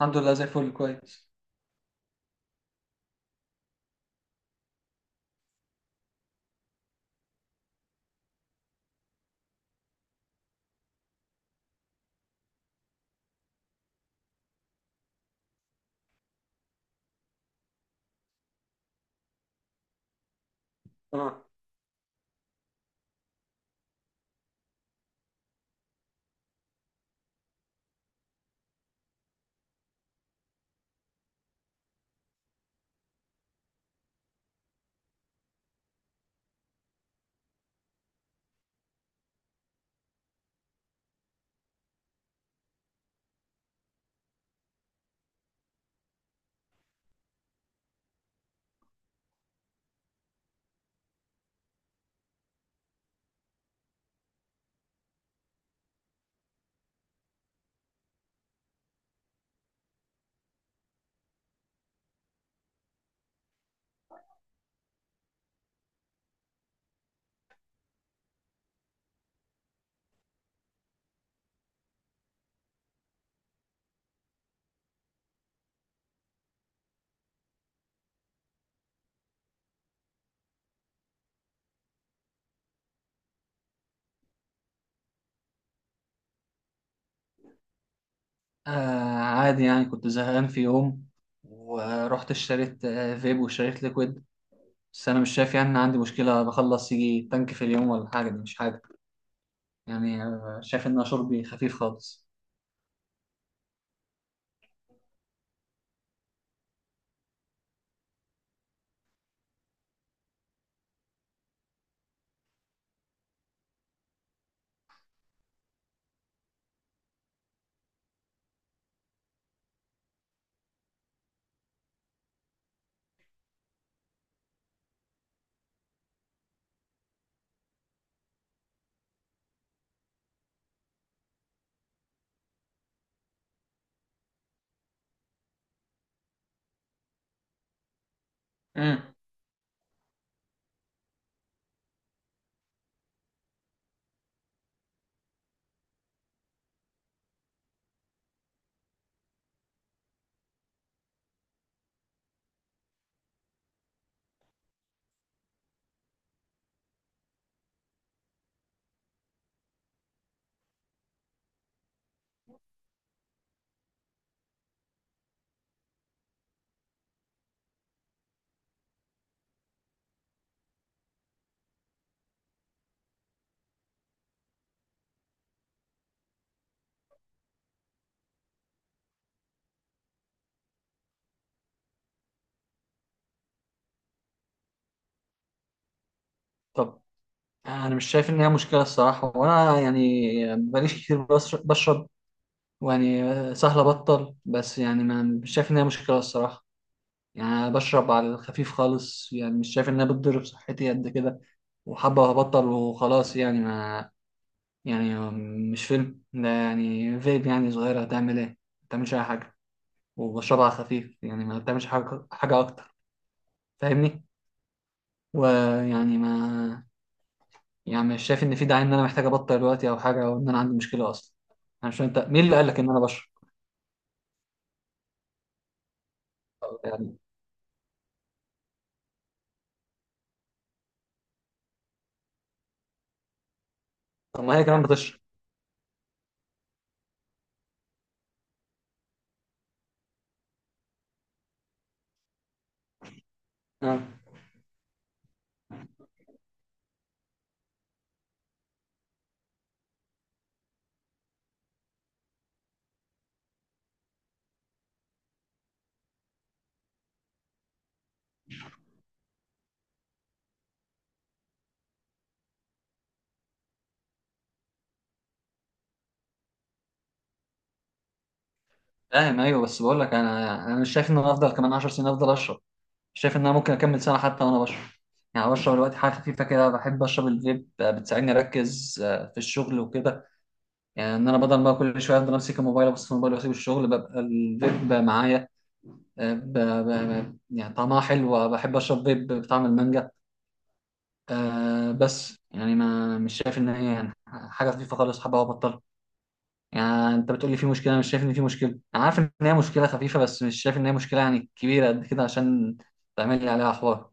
الحمد لله زي الفل كويس. اه. آه. عادي، يعني كنت زهقان في يوم ورحت اشتريت فيب واشتريت ليكويد. بس انا مش شايف يعني ان عندي مشكلة، بخلص يجي تانك في اليوم ولا حاجة. دي مش حاجة يعني شايف ان أنا شربي خفيف خالص. امم طب، انا مش شايف ان هي مشكلة الصراحة، وانا يعني بقاليش كتير بشرب. يعني سهل ابطل، بس يعني ما مش شايف ان هي مشكلة الصراحة. يعني أنا بشرب على الخفيف خالص، يعني مش شايف انها بتضر بصحتي قد كده. وحابة وهبطل وخلاص يعني ما يعني مش فيلم ده، يعني فيب، يعني صغيرة هتعمل ايه؟ ما بتعملش أي حاجة. وبشربها على خفيف، يعني ما بتعملش حاجة حاجة أكتر. فاهمني؟ ويعني ما يعني مش شايف إن في داعي إن أنا محتاج أبطل دلوقتي أو حاجة، أو إن أنا عندي مشكلة أصلا. أنا مش فاهم، أنت مين اللي قال لك إن أنا بشرب؟ يعني طب ما هي كمان بتشرب. اه. فاهم، أيوه، بس بقول لك أنا مش شايف إن أنا أفضل كمان 10 سنين أفضل أشرب، شايف ان انا ممكن اكمل سنه حتى وانا بشرب. يعني بشرب دلوقتي حاجه خفيفه كده، بحب اشرب الفيب. بتساعدني اركز في الشغل وكده. يعني ان انا بدل ما كل شويه افضل امسك الموبايل، ابص في الموبايل واسيب الشغل، ببقى الفيب معايا. آه، ب... ب... يعني طعمها حلو، بحب اشرب فيب بطعم المانجا. بس يعني ما مش شايف ان هي يعني حاجه خفيفه خالص، حابه ابطلها. يعني انت بتقول لي في مشكله، أنا مش شايف ان في مشكله. انا عارف ان هي مشكله خفيفه، بس مش شايف ان هي مشكله يعني كبيره قد كده عشان تعمل لي عليها حوار.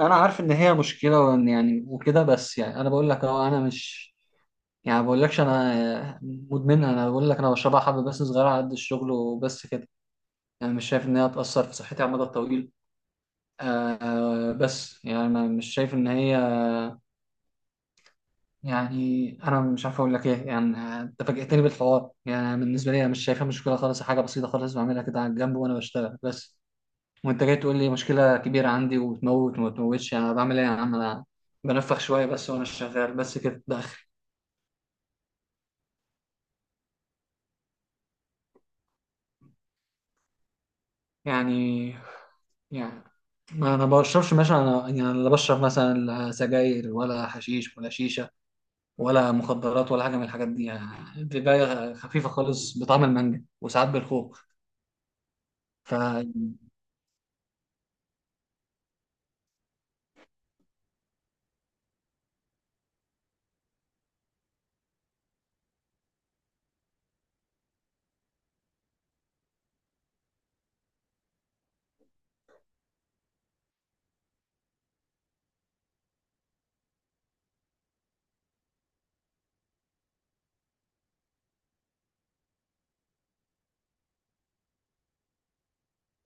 انا عارف ان هي مشكله وإن يعني وكده، بس يعني انا بقول لك اهو انا مش. يعني ما بقولكش انا مدمنها، انا بقول لك انا بشربها حبه بس صغيره على قد الشغل وبس كده. يعني مش شايف ان هي هتاثر في صحتي على المدى الطويل. آه. بس يعني انا مش شايف ان هي، يعني انا مش عارف اقول لك ايه. يعني انت فاجئتني بالحوار، يعني بالنسبه لي انا مش شايفها مشكله خالص، حاجه بسيطه خالص بعملها كده على الجنب وانا بشتغل بس. وانت جاي تقول لي مشكلة كبيرة عندي، وتموت وما تموتش، انا بعمل ايه يا عم؟ انا بنفخ شوية بس وانا شغال، بس كده ده اخري. يعني يعني ما انا بشربش مثلا، انا يعني لا بشرب مثلا لا سجاير ولا حشيش ولا شيشة ولا مخدرات ولا حاجة من الحاجات دي، يعني بداية خفيفة خالص بطعم المانجا وساعات بالخوخ. ف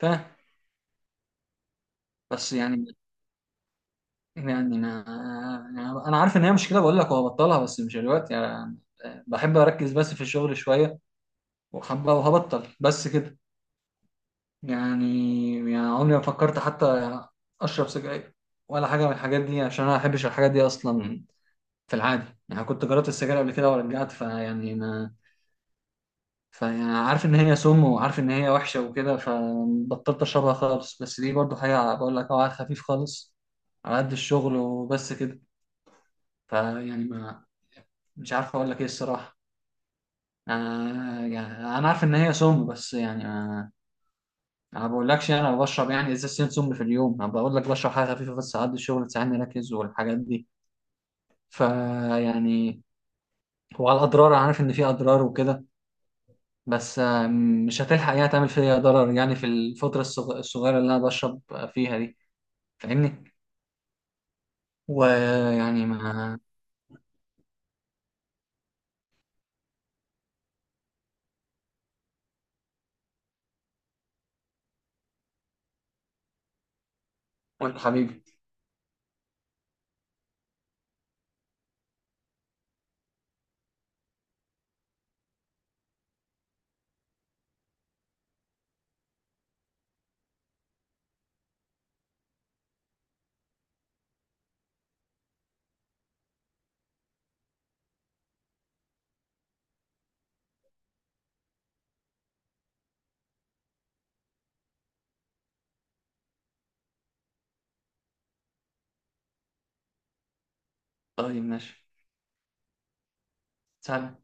فاهم. بس يعني يعني انا، يعني انا عارف ان هي مشكلة بقول لك وهبطلها، بس مش دلوقتي يعني. بحب اركز بس في الشغل شوية، وحبه وهبطل بس كده. يعني يعني عمري ما فكرت حتى اشرب سجاير ولا حاجه من الحاجات دي، عشان انا ما بحبش الحاجات دي اصلا في العادي. يعني كنت جربت السجاير قبل كده ورجعت، فيعني ما فيعني عارف ان هي سم وعارف ان هي وحشه وكده، فبطلت اشربها خالص. بس دي برضو حاجه بقول لك اه على خفيف خالص، على قد الشغل وبس كده. فيعني ما مش عارف اقول لك ايه الصراحه. آه، يعني انا عارف ان هي سم، بس يعني انا ما بقولكش يعني انا بشرب يعني ازازتين سم في اليوم. انا بقول لك بشرب حاجه خفيفه بس اعدي الشغل تساعدني اركز والحاجات دي. فيعني، وعلى الاضرار انا عارف ان في اضرار وكده، بس مش هتلحق يعني تعمل فيا ضرر، يعني في الفتره الصغيره اللي انا بشرب فيها دي. فاهمني؟ ويعني ما. قول حبيبي. طيب، ماشي. سلام.